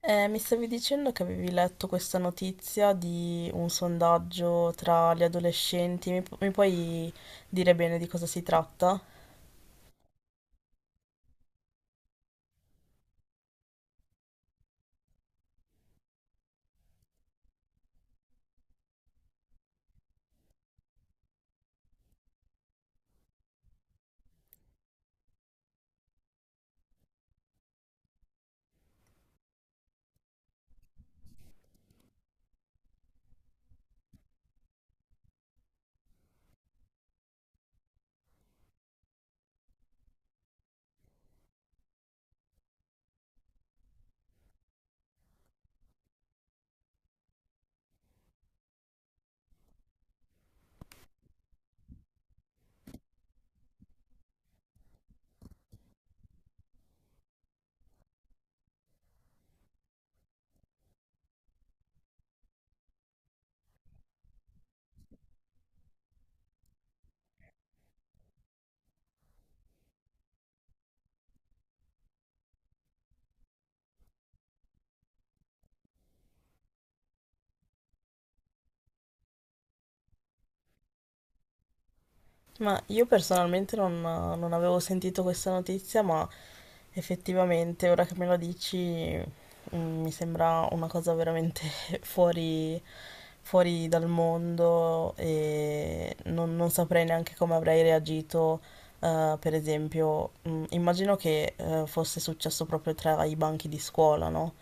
Mi stavi dicendo che avevi letto questa notizia di un sondaggio tra gli adolescenti, mi puoi dire bene di cosa si tratta? Ma io personalmente non avevo sentito questa notizia, ma effettivamente ora che me la dici, mi sembra una cosa veramente fuori, fuori dal mondo e non saprei neanche come avrei reagito. Eh, per esempio, immagino che fosse successo proprio tra i banchi di scuola, no?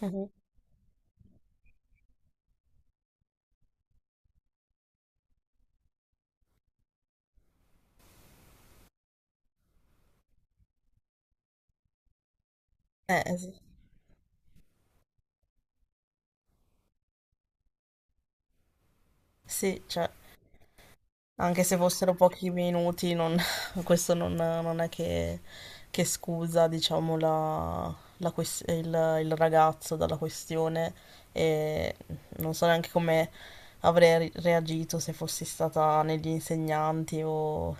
Mhm. Eh, es- sì, cioè, anche se fossero pochi minuti, questo non è che scusa, diciamo, la ques- il, il ragazzo dalla questione e non so neanche come avrei reagito se fossi stata negli insegnanti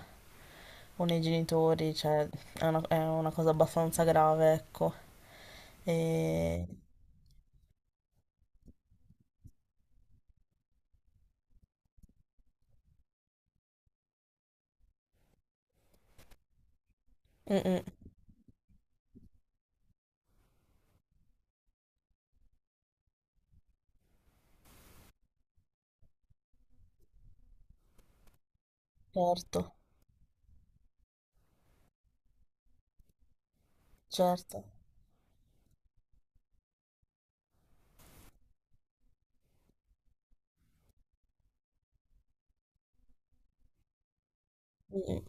o nei genitori, cioè è è una cosa abbastanza grave, ecco. E... Mm, mm, certo, certo. Mm, mm.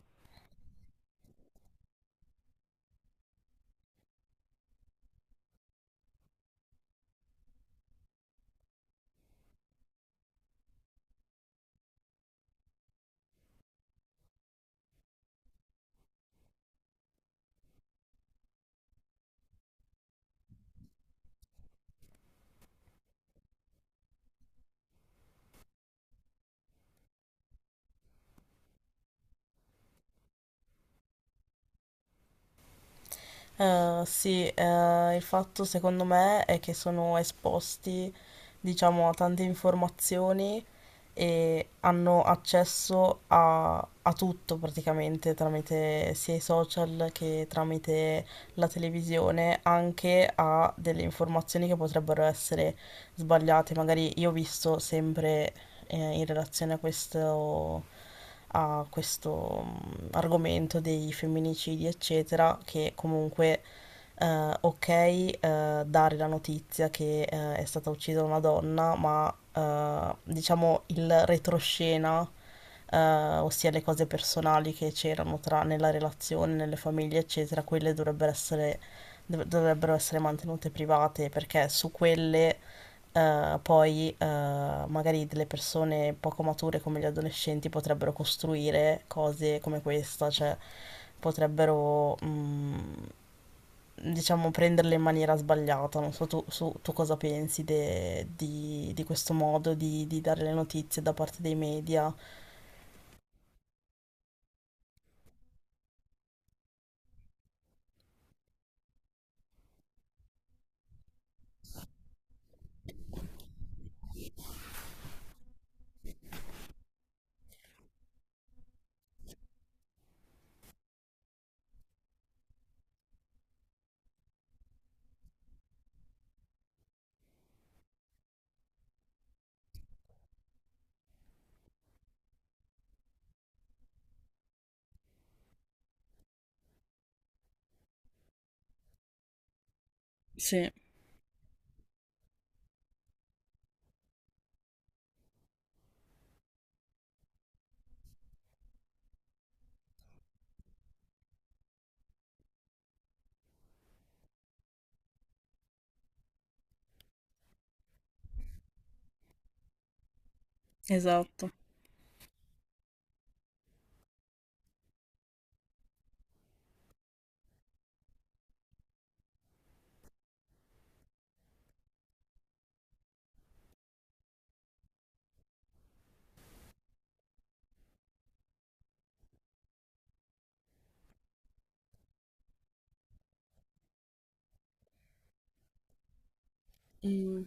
Sì, il fatto secondo me è che sono esposti, diciamo, a tante informazioni e hanno accesso a tutto praticamente tramite sia i social che tramite la televisione, anche a delle informazioni che potrebbero essere sbagliate. Magari io ho visto sempre in relazione a questo argomento dei femminicidi, eccetera, che comunque ok, dare la notizia che è stata uccisa una donna, ma diciamo il retroscena, eh, ossia le cose personali che c'erano nella relazione, nelle famiglie, eccetera, quelle dovrebbero essere mantenute private perché su quelle poi magari delle persone poco mature come gli adolescenti potrebbero costruire cose come questa, cioè potrebbero diciamo, prenderle in maniera sbagliata. Non so tu, tu cosa pensi di questo modo di dare le notizie da parte dei media. Sì, esatto. Mm.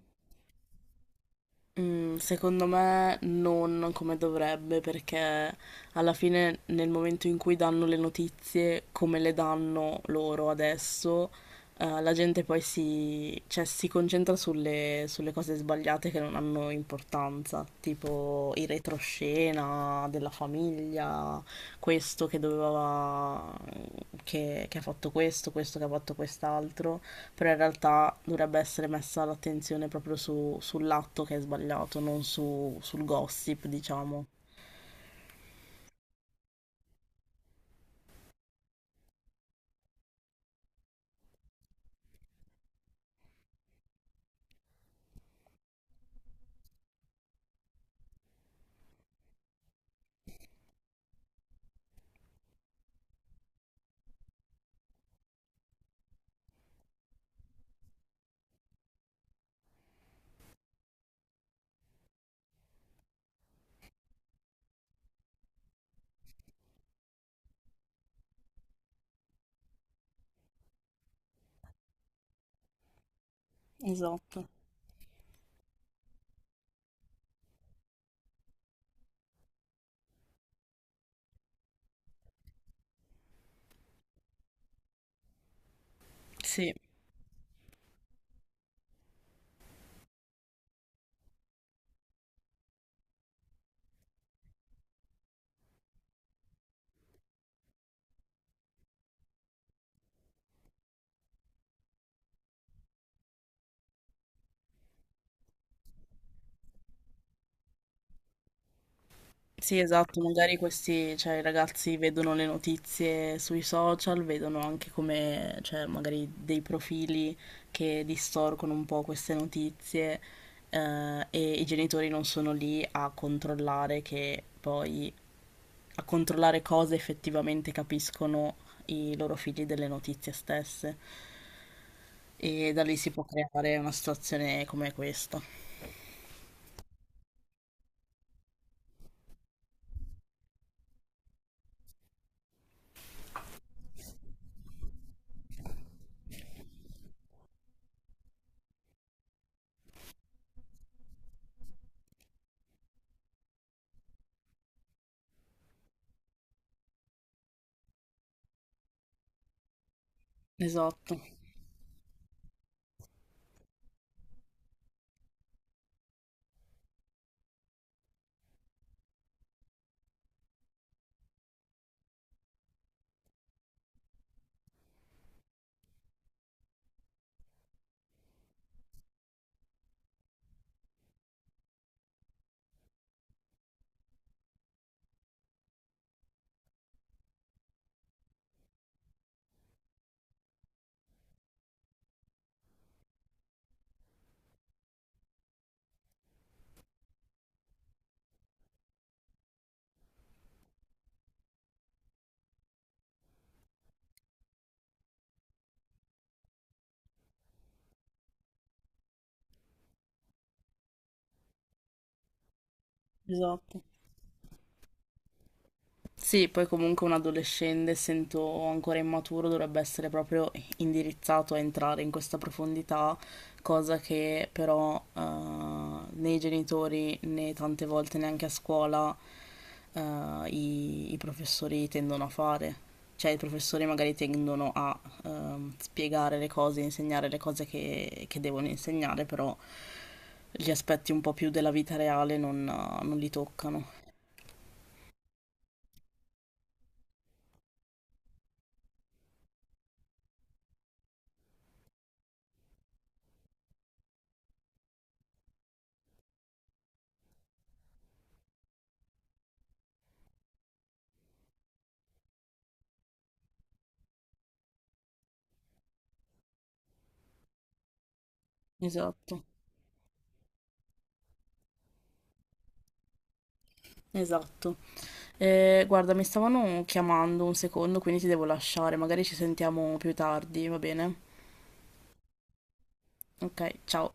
Mm, secondo me non come dovrebbe, perché alla fine nel momento in cui danno le notizie, come le danno loro adesso, la gente cioè, si concentra sulle cose sbagliate che non hanno importanza, tipo il retroscena della famiglia, questo che doveva, che ha fatto questo, questo che ha fatto quest'altro, però in realtà dovrebbe essere messa l'attenzione proprio sull'atto che è sbagliato, non su- sul gossip, diciamo. Esatto. Sì. Sì, esatto, magari questi, cioè, i ragazzi vedono le notizie sui social, vedono anche come, cioè, magari dei profili che distorcono un po' queste notizie, e i genitori non sono lì a a controllare cosa effettivamente capiscono i loro figli delle notizie stesse. E da lì si può creare una situazione come questa. Esatto, esatto. Sì, poi comunque un adolescente, essendo ancora immaturo, dovrebbe essere proprio indirizzato a entrare in questa profondità, cosa che però né i genitori né tante volte neanche a scuola eh, i professori tendono a fare. Cioè i professori magari tendono a spiegare le cose, insegnare le cose che devono insegnare, però gli aspetti un po' più della vita reale non li toccano. Esatto, esatto. Guarda, mi stavano chiamando un secondo, quindi ti devo lasciare. Magari ci sentiamo più tardi, va bene? Ok, ciao.